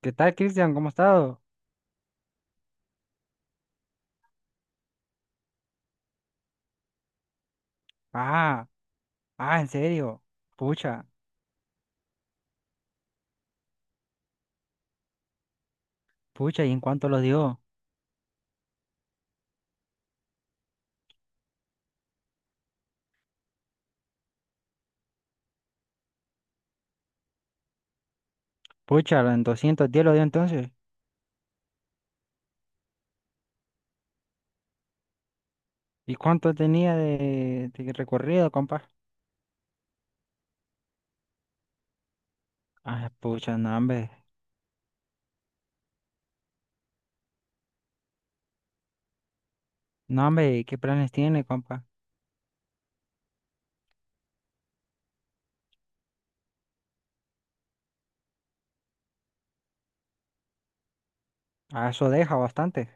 ¿Qué tal, Cristian? ¿Cómo has estado? Ah, ah, en serio. Pucha, pucha, ¿y en cuánto lo dio? Pucha, en 210 lo dio entonces. ¿Y cuánto tenía de recorrido, compa? Ah, pucha, no, hombre. No, hombre, ¿y qué planes tiene, compa? Ah, eso deja bastante.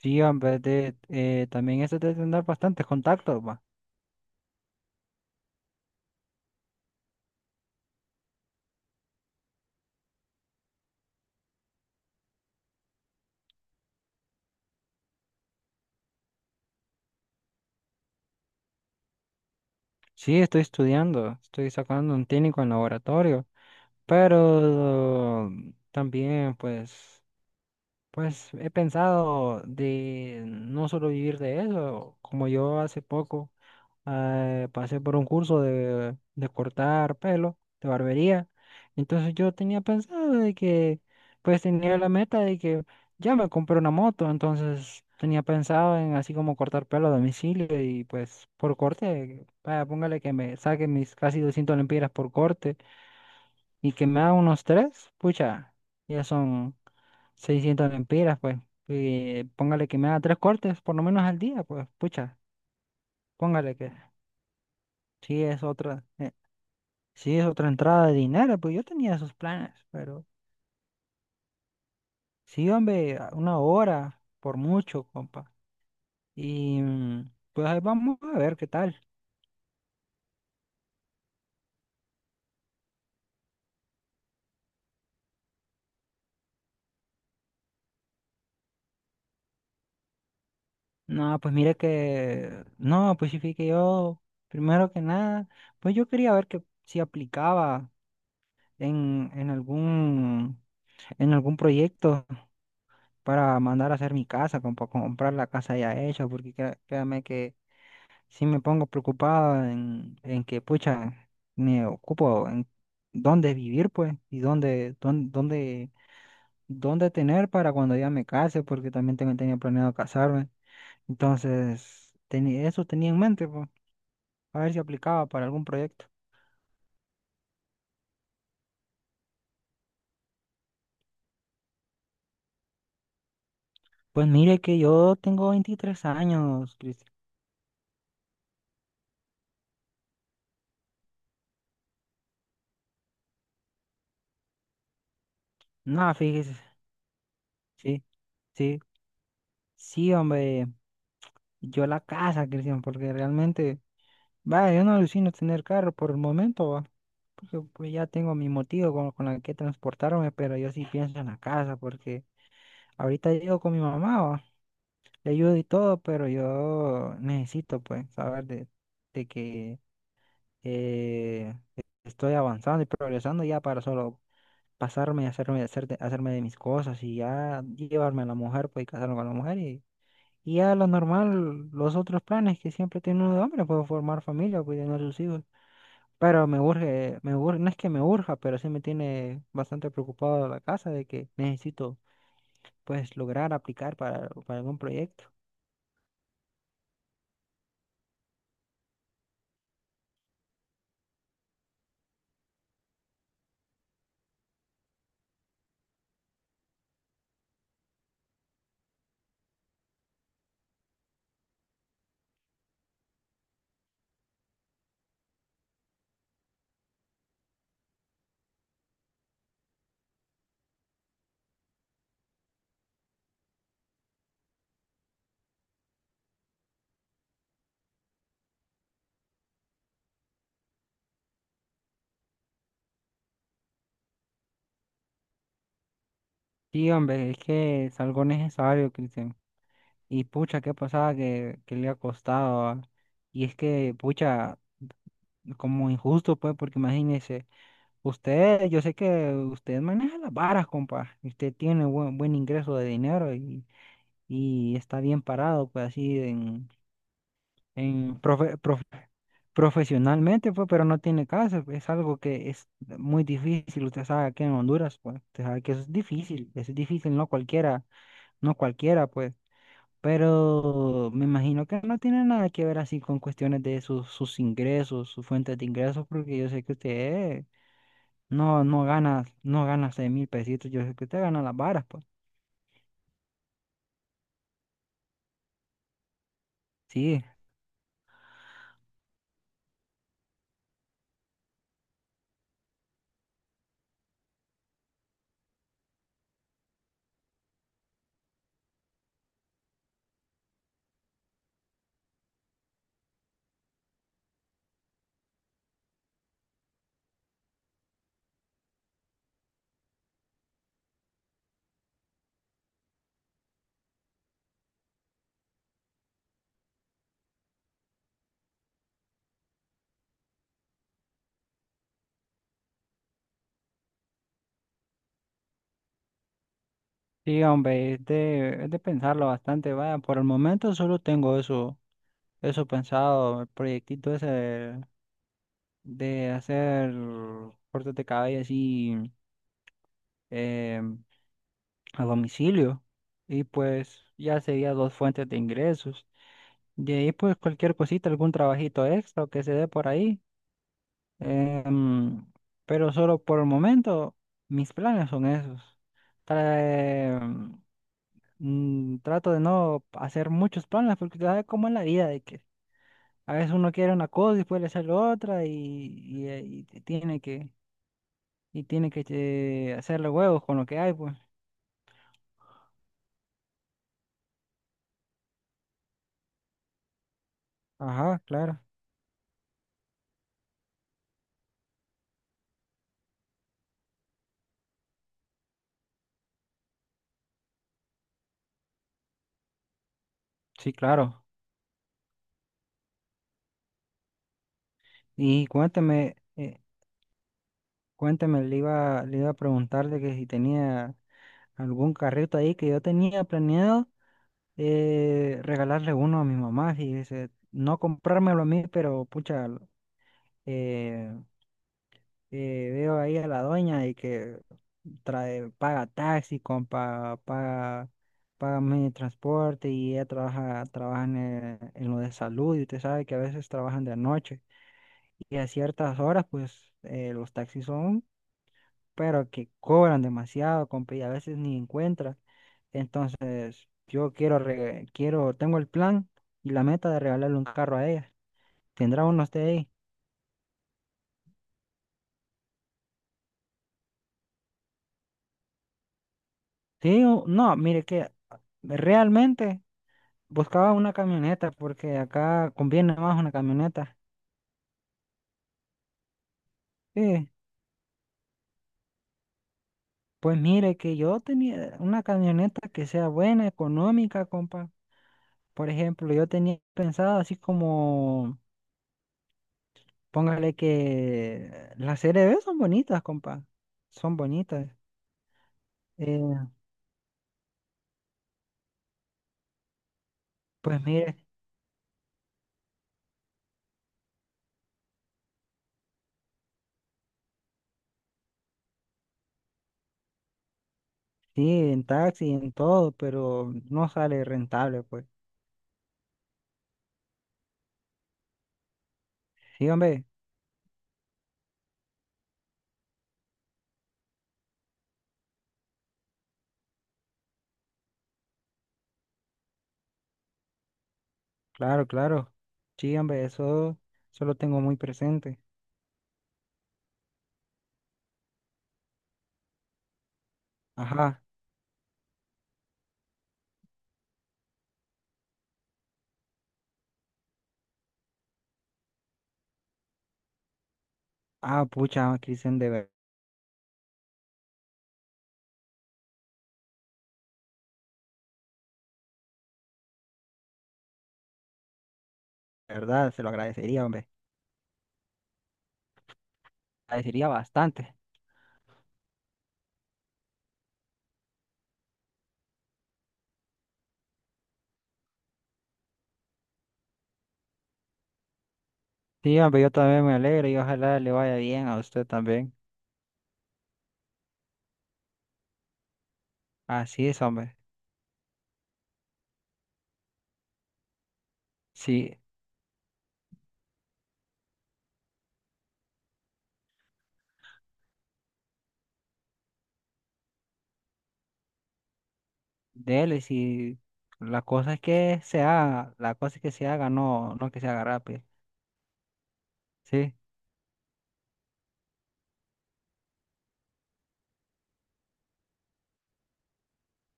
Sí, hombre, también eso debe tener bastantes contactos, va. Sí, estoy estudiando, estoy sacando un técnico en laboratorio, pero también, pues. Pues he pensado de no solo vivir de eso, como yo hace poco pasé por un curso de cortar pelo, de barbería. Entonces yo tenía pensado de que, pues tenía la meta de que ya me compré una moto, entonces tenía pensado en así como cortar pelo a domicilio y pues por corte, vaya, póngale que me saque mis casi 200 lempiras por corte y que me haga unos tres, pucha, ya son 600 lempiras, pues. Y póngale que me haga tres cortes, por lo menos al día, pues, pucha, póngale que sí es otra, eh, sí es otra entrada de dinero, pues yo tenía esos planes, pero sí, hombre, una hora, por mucho, compa. Y pues ahí vamos a ver qué tal. No, pues mire que, no, pues sí fui que yo, primero que nada, pues yo quería ver que si aplicaba en, en algún, en algún proyecto para mandar a hacer mi casa, como comprar la casa ya hecha, porque créame que sí me pongo preocupado en que, pucha, me ocupo en dónde vivir, pues, y dónde tener para cuando ya me case, porque también tengo, tenía planeado casarme. Entonces, tenía, eso tenía en mente, pues, a ver si aplicaba para algún proyecto. Pues mire que yo tengo 23 años, Cristian. No, fíjese, sí, sí, sí, hombre, yo la casa, Cristian, porque realmente... Va, yo no alucino tener carro por el momento, va, porque pues ya tengo mi motivo con la que transportarme, pero yo sí pienso en la casa, porque ahorita llego con mi mamá, va, le ayudo y todo, pero yo necesito, pues, saber de que eh, estoy avanzando y progresando ya para solo pasarme y hacerme de mis cosas y ya llevarme a la mujer, pues, y casarme con la mujer y ya lo normal, los otros planes que siempre tiene uno de hombre, pues, formar familia, cuidar a sus hijos. Pero me urge, no es que me urja, pero sí me tiene bastante preocupado la casa de que necesito pues lograr aplicar para algún proyecto. Sí, hombre, es que es algo necesario, Cristian. Y pucha, qué pasada que le ha costado. Ah. Y es que, pucha, como injusto, pues, porque imagínese, usted, yo sé que usted maneja las varas, compa, y usted tiene buen ingreso de dinero y está bien parado, pues así en profesionalmente, pues, pero no tiene caso, pues. Es algo que es muy difícil. Usted sabe que en Honduras, pues, usted sabe que eso es difícil. Eso es difícil, no cualquiera, no cualquiera, pues. Pero me imagino que no tiene nada que ver así con cuestiones de sus ingresos, sus fuentes de ingresos, porque yo sé que usted no gana 6,000 pesitos, yo sé que usted gana las varas, pues. Sí, sí, hombre, es de pensarlo bastante, vaya, por el momento solo tengo eso pensado, el proyectito ese de hacer cortes de cabello así eh, a domicilio. Y pues ya sería dos fuentes de ingresos. De ahí pues cualquier cosita, algún trabajito extra que se dé por ahí. Em, pero solo por el momento mis planes son esos. Tra- em, Trato de no hacer muchos planes porque tú sabes cómo es la vida de que a veces uno quiere una cosa y después le sale otra y tiene que hacerle huevos con lo que hay, pues. Ajá, claro. Sí, claro. Y cuéntame, le iba a preguntar de que si tenía algún carrito ahí que yo tenía planeado, regalarle uno a mi mamá, y dice, no comprármelo a mí, pero pucha, eh, veo ahí a la doña y que trae, paga taxi, compa, paga medio de transporte y ella trabaja en lo de salud y usted sabe que a veces trabajan de noche y a ciertas horas pues, los taxis son, pero que cobran demasiado, compa, y a veces ni encuentra. Entonces yo quiero, quiero, tengo el plan y la meta de regalarle un carro a ella. ¿Tendrá uno usted ahí? Sí, no, mire que realmente... Buscaba una camioneta porque acá conviene más una camioneta. Sí, pues mire que yo tenía una camioneta que sea buena, económica, compa. Por ejemplo, yo tenía pensado así como, póngale que las C CRV son bonitas, compa. Son bonitas. Eh, pues mire, sí, en taxi, en todo, pero no sale rentable, pues. Sí, hombre, claro, claro. Sí, hombre, eso lo tengo muy presente. Ajá. Ah, pucha, Cristian, de verdad. De verdad, se lo agradecería, hombre. Agradecería bastante. Sí, hombre, yo también me alegro y ojalá le vaya bien a usted también. Así es, hombre. Sí, dele, si la cosa es que se haga, la cosa es que se haga, no, no que se haga rápido. Sí,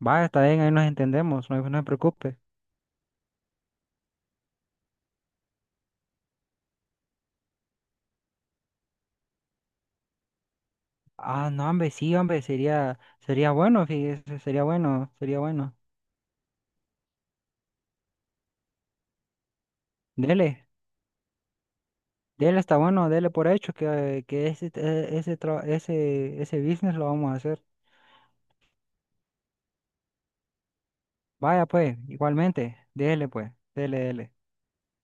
va, está bien, ahí nos entendemos, no, no se preocupe. Ah, no, hombre, sí, hombre, sería bueno, fíjese, sería bueno, sería bueno. Dele, dele, está bueno, dele por hecho que ese, e, ese, tra- ese business lo vamos a hacer. Vaya pues, igualmente, déjele pues, dele, dele.